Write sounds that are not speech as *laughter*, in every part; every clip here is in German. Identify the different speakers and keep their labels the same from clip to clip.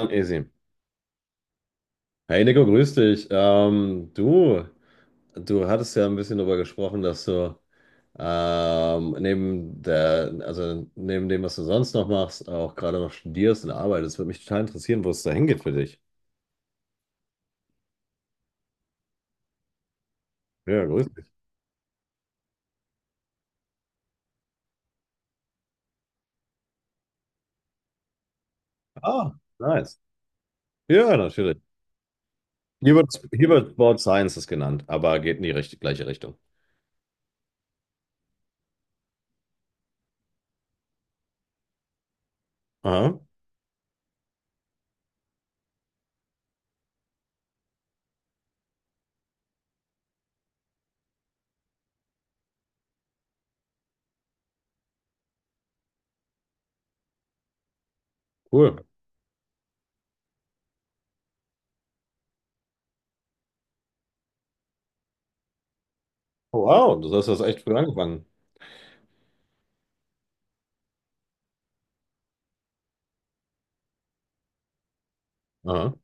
Speaker 1: Easy. Hey Nico, grüß dich. Du, du hattest ja ein bisschen darüber gesprochen, dass du neben der, also neben dem, was du sonst noch machst, auch gerade noch studierst und arbeitest. Würde mich total interessieren, wo es da hingeht für dich. Ja, grüß dich. Ah, nice. Ja, natürlich. Hier wird Board Sciences genannt, aber geht in die gleiche Richtung. Aha, cool. Wow, du hast das echt früh angefangen. Aha.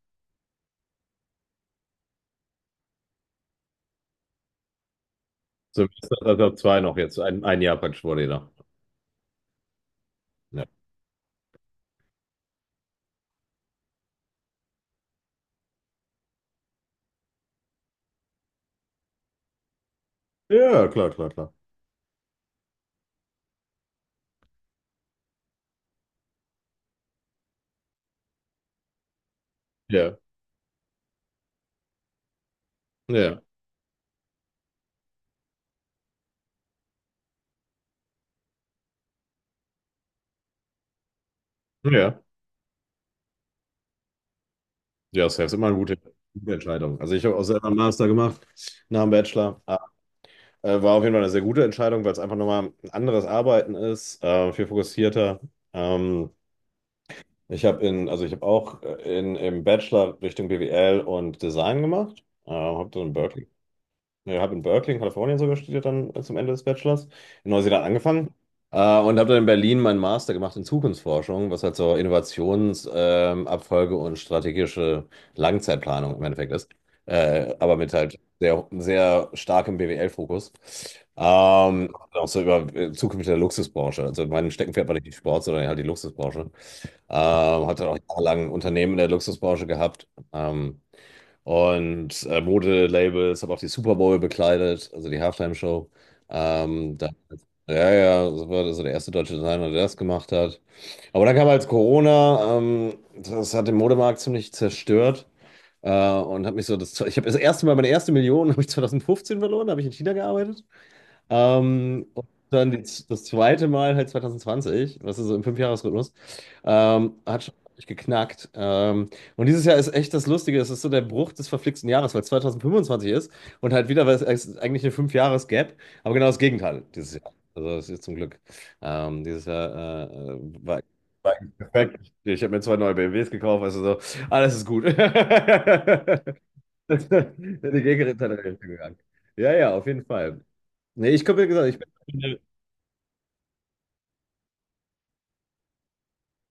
Speaker 1: Semester zwei noch jetzt. Ein Jahr praktisch vor dir noch. Ja. Ja, klar, klar, klar. Ja, ja, ja. Ja, das ist immer eine gute Entscheidung. Also ich habe auch selber einen Master gemacht nach dem Bachelor. Ah, war auf jeden Fall eine sehr gute Entscheidung, weil es einfach nochmal ein anderes Arbeiten ist, viel fokussierter. Ähm, also ich habe auch im Bachelor Richtung BWL und Design gemacht. Habe dann in Berkeley, ja, habe in Berkeley, in Kalifornien sogar studiert, dann zum Ende des Bachelors. In Neuseeland angefangen. Und habe dann in Berlin meinen Master gemacht in Zukunftsforschung, was halt so Innovationsabfolge Abfolge und strategische Langzeitplanung im Endeffekt ist. Aber mit halt sehr, sehr starkem BWL-Fokus. Auch so über Zukunft der Luxusbranche. Also mein Steckenpferd war nicht die Sport, sondern halt die Luxusbranche. Hatte auch jahrelang Unternehmen in der Luxusbranche gehabt. Ähm, Modelabels, habe auch die Super Bowl bekleidet, also die Halftime-Show. Ähm, da, ja, ja, das war also der erste deutsche Designer, der das gemacht hat. Aber dann kam halt Corona, das hat den Modemarkt ziemlich zerstört. Äh, und habe mich so das, Ich habe das erste Mal meine erste Million *laughs* habe ich 2015 verloren, da habe ich in China gearbeitet. Ähm, und dann die, Das zweite Mal halt 2020, was ist so im Fünfjahresrhythmus, hat schon richtig geknackt. Und dieses Jahr ist echt das Lustige, es ist so der Bruch des verflixten Jahres, weil es 2025 ist und halt wieder, weil es ist eigentlich eine Fünfjahres-Gap, aber genau das Gegenteil dieses Jahr. Also das ist zum Glück. Ähm, dieses Jahr äh, äh, war, war eigentlich perfekt. Ich habe mir zwei neue BMWs gekauft, also so, alles ist gut. *laughs* Die Gegenteil ist gegangen. Ja, ja, auf jeden Fall. Nee, ich glaube, wie gesagt, ich bin,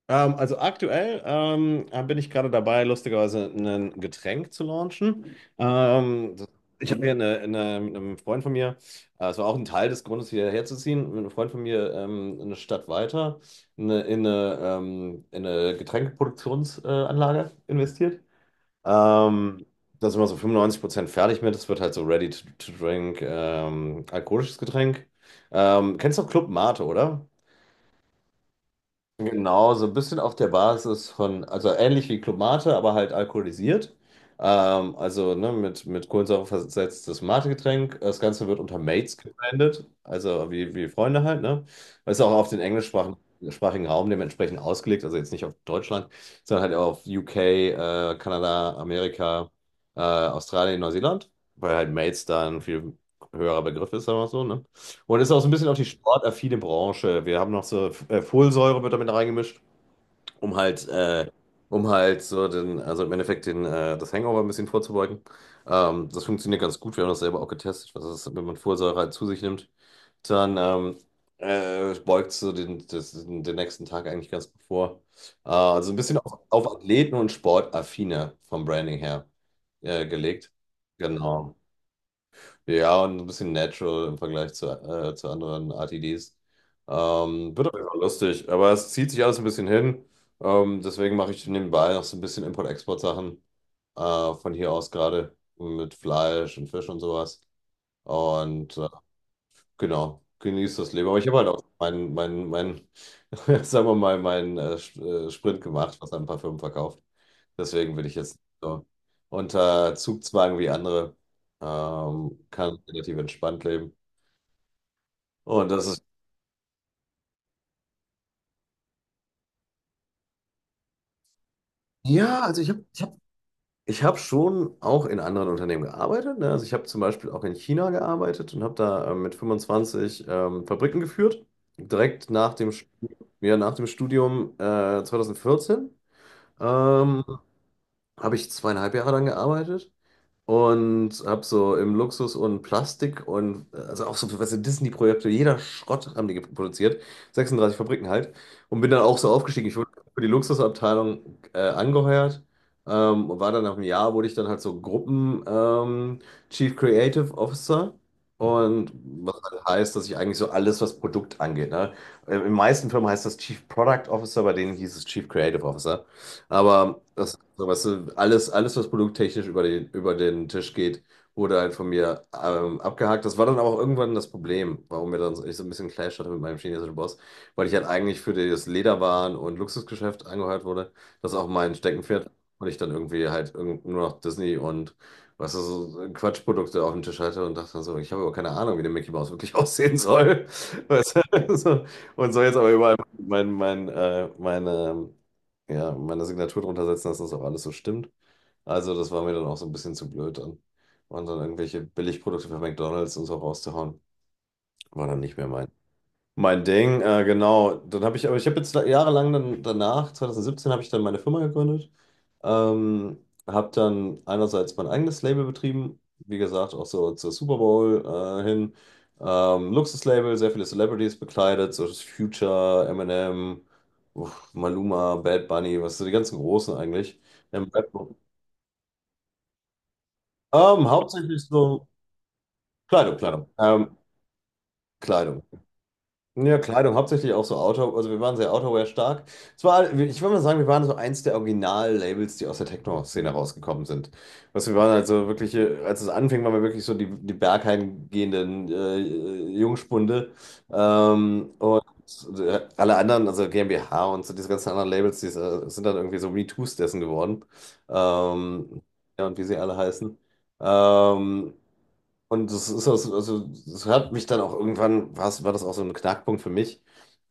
Speaker 1: ähm, also aktuell bin ich gerade dabei, lustigerweise ein Getränk zu launchen. Ich habe hier mit einem Freund von mir, es war auch ein Teil des Grundes, hierher zu ziehen, mit einem Freund von mir eine Stadt weiter in eine Getränkeproduktionsanlage Anlage investiert. Ähm, Da sind wir so 95% fertig mit. Es wird halt so ready to drink, alkoholisches Getränk. Kennst du Club Mate, oder? Genau, so ein bisschen auf der Basis von, also ähnlich wie Club Mate, aber halt alkoholisiert. Also ne, mit Kohlensäure versetztes Mate-Getränk. Das Ganze wird unter Mates gebrandet, also wie Freunde halt, ne? Ist auch auf den englischsprachigen sprachigen Raum dementsprechend ausgelegt, also jetzt nicht auf Deutschland, sondern halt auf UK, Kanada, Amerika, Australien, Neuseeland, weil halt Mates da ein viel höherer Begriff ist, sagen wir mal so, ne? Und ist auch so ein bisschen auf die sportaffine Branche. Wir haben noch so Folsäure wird damit reingemischt, um halt, äh, um halt so den, also im Endeffekt den, das Hangover ein bisschen vorzubeugen. Das funktioniert ganz gut. Wir haben das selber auch getestet, was ist, wenn man Folsäure halt zu sich nimmt. Dann Beugt so den, das, den den nächsten Tag eigentlich ganz gut vor. Also ein bisschen auf Athleten und Sportaffine vom Branding her gelegt. Genau. Ja, und so ein bisschen natural im Vergleich zu anderen RTDs. Wird auf jeden Fall lustig, aber es zieht sich alles ein bisschen hin. Deswegen mache ich nebenbei noch so ein bisschen Import-Export-Sachen von hier aus gerade mit Fleisch und Fisch und sowas. Und äh, Genau, genieß das Leben. Aber ich habe halt auch *laughs* sagen wir mal, meinen Sprint gemacht, was an Parfüm verkauft. Deswegen will ich jetzt so unter Zugzwang wie andere, kann relativ entspannt leben. Und das ist, ja, ich hab schon auch in anderen Unternehmen gearbeitet. Ne? Also ich habe zum Beispiel auch in China gearbeitet und habe da mit 25 Fabriken geführt, direkt ja, nach dem Studium 2014. Ähm, Habe ich zweieinhalb Jahre dann gearbeitet und habe so im Luxus und Plastik und also auch so, weißt du, Disney-Projekte, jeder Schrott haben die produziert, 36 Fabriken halt und bin dann auch so aufgestiegen. Ich wurde für die Luxusabteilung angeheuert war dann nach einem Jahr wurde ich dann halt so Gruppen Chief Creative Officer. Und was halt heißt, dass ich eigentlich so alles, was Produkt angeht. Ne? In den meisten Firmen heißt das Chief Product Officer, bei denen hieß es Chief Creative Officer. Aber das, so, weißt du, alles, was produkttechnisch über den Tisch geht, wurde halt von mir abgehakt. Das war dann aber auch irgendwann das Problem, warum ich so ein bisschen Clash hatte mit meinem chinesischen Boss, weil ich halt eigentlich für das Lederwaren- und Luxusgeschäft angeheuert wurde. Das ist auch mein Steckenpferd. Und ich dann irgendwie halt irgend nur noch Disney und, was weißt du, so so Quatschprodukte auf dem Tisch hatte und dachte so, ich habe aber keine Ahnung, wie der Mickey Mouse wirklich *laughs* aussehen soll. Weißt du? *laughs* So. Und so jetzt aber überall mein, mein, meine ja, meine Signatur drunter setzen, dass das auch alles so stimmt. Also, das war mir dann auch so ein bisschen zu blöd dann. Und dann irgendwelche Billigprodukte von McDonald's und so rauszuhauen, war dann nicht mehr mein Ding, genau. Dann habe ich, aber Ich habe jetzt jahrelang dann danach, 2017, habe ich dann meine Firma gegründet. Habe dann einerseits mein eigenes Label betrieben, wie gesagt, auch so zur Super Bowl hin. Luxuslabel, sehr viele Celebrities bekleidet, so das Future, Eminem, uff, Maluma, Bad Bunny, was sind die ganzen Großen eigentlich? Ähm, Rap- Hauptsächlich so Kleidung, Kleidung. Kleidung. Ja, Kleidung, hauptsächlich auch so Outdoor, also wir waren sehr Outerwear stark. Zwar, ich würde mal sagen, wir waren so eins der Original-Labels, die aus der Techno-Szene rausgekommen sind. Was wir waren also Wirklich, als es anfing, waren wir wirklich so die bergheim gehenden Jungspunde. Ähm, Alle anderen, also GmbH und so diese ganzen anderen Labels, die sind dann irgendwie so MeToos dessen geworden. Ähm, ja, und wie sie alle heißen. Ähm, also das hat mich dann auch irgendwann, war das auch so ein Knackpunkt für mich.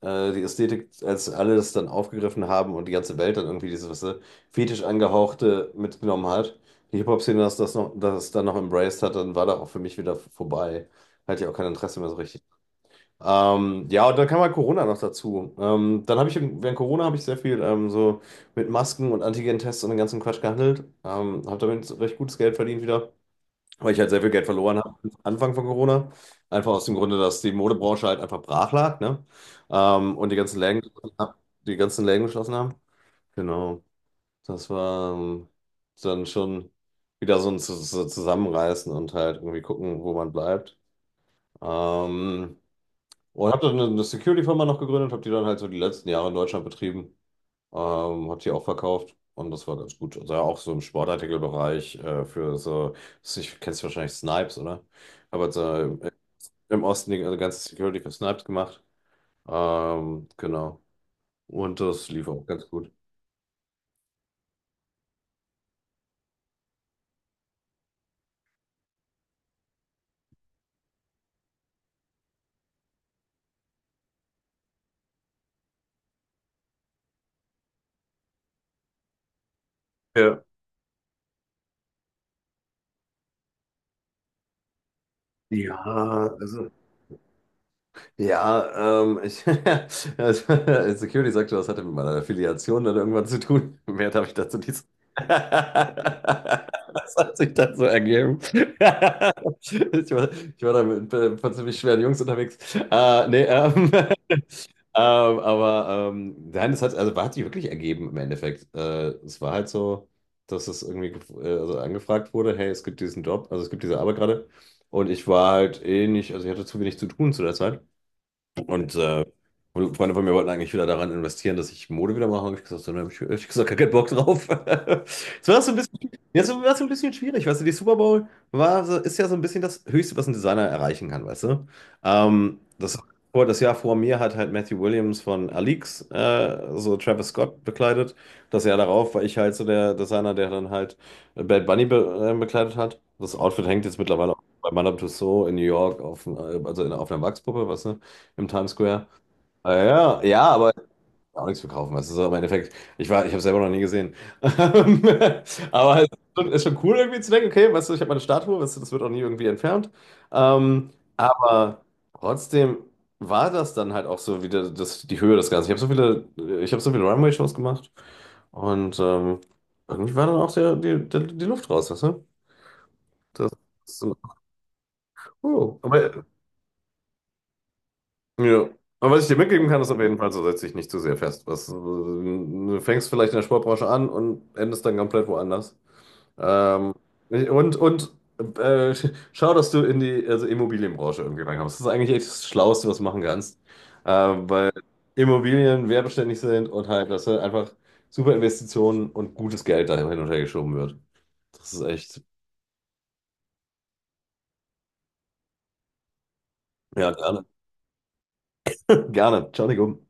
Speaker 1: Die Ästhetik, als alle das dann aufgegriffen haben und die ganze Welt dann irgendwie dieses, weißt du, fetisch angehauchte mitgenommen hat. Die Hip-Hop-Szene, das dann noch embraced hat, dann war da auch für mich wieder vorbei. Hatte ich auch kein Interesse mehr so richtig. Ja, und dann kam halt Corona noch dazu. Während Corona habe ich sehr viel so mit Masken und Antigen-Tests und dem ganzen Quatsch gehandelt. Habe damit recht gutes Geld verdient wieder, weil ich halt sehr viel Geld verloren habe am Anfang von Corona. Einfach aus dem Grunde, dass die Modebranche halt einfach brach lag, ne? Ähm, und die ganzen Läden, Die ganzen Läden geschlossen haben. Genau. Das war dann schon Wieder so ein Zusammenreißen und halt irgendwie gucken, wo man bleibt. Ähm, und habe dann eine Security-Firma noch gegründet, habe die dann halt so die letzten Jahre in Deutschland betrieben. Hat die auch verkauft und das war ganz gut. Also auch so im Sportartikelbereich für so, ich kennst wahrscheinlich Snipes, oder? Aber halt so im Osten die ganze Security für Snipes gemacht. Genau. Und das lief auch ganz gut. Ja. Ja, also Ja, *laughs* also, Security sagte, das hatte mit meiner Affiliation dann irgendwann zu tun. Mehr darf ich dazu nicht sagen. *laughs* Das hat sich dann so ergeben. *laughs* Ich war, Ich war da mit ein paar ziemlich schweren Jungs unterwegs. Äh, nee, ähm, *laughs* ähm, nein, hat sich wirklich ergeben im Endeffekt. Es war halt so, dass es irgendwie angefragt wurde, hey, es gibt diesen Job, also es gibt diese Arbeit gerade. Und ich war halt eh nicht, also ich hatte zu wenig zu tun zu der Zeit. Und äh, Freunde von mir wollten eigentlich wieder daran investieren, dass ich Mode wieder mache, und ich gesagt, so, ne, hab ich gesagt, gar keinen Bock drauf. *laughs* Es war so ein bisschen, ja, so, war so ein bisschen schwierig, weißt du, die Super Bowl ist ja so ein bisschen das Höchste, was ein Designer erreichen kann, weißt du. Ähm, das, Das Jahr vor mir hat halt Matthew Williams von Alix, so Travis Scott bekleidet. Das Jahr darauf war ich halt so der Designer, der dann halt Bad Bunny be bekleidet hat. Das Outfit hängt jetzt mittlerweile auch bei Madame Tussauds in New York auf, auf einer Wachspuppe, weißt du, im Times Square. Ah, ja, ja, aber auch nichts verkaufen. Das ist auch im Endeffekt, ich habe selber noch nie gesehen. *laughs* Aber es ist schon cool irgendwie zu denken, okay, weißt du, ich habe meine Statue, weißt du, das wird auch nie irgendwie entfernt. Ähm, aber trotzdem war das dann halt auch so wieder das, die Höhe des Ganzen. Ich habe so viele Runway-Shows gemacht und irgendwie war dann auch die Luft raus, weißt du? Das ist so, cool. Ja. Aber was ich dir mitgeben kann, ist auf jeden Fall, so setz dich nicht zu sehr fest. Du fängst vielleicht in der Sportbranche an und endest dann komplett woanders. Ähm, und und äh, *laughs* Schau, dass du in die, also Immobilienbranche irgendwie reinkommst. Das ist eigentlich echt das Schlauste, was du machen kannst. Weil Immobilien wertbeständig sind und halt, dass halt einfach super Investitionen und gutes Geld da hin und her geschoben wird. Das ist echt. Ja, gerne. *laughs* Gerne. Ciao, Nico.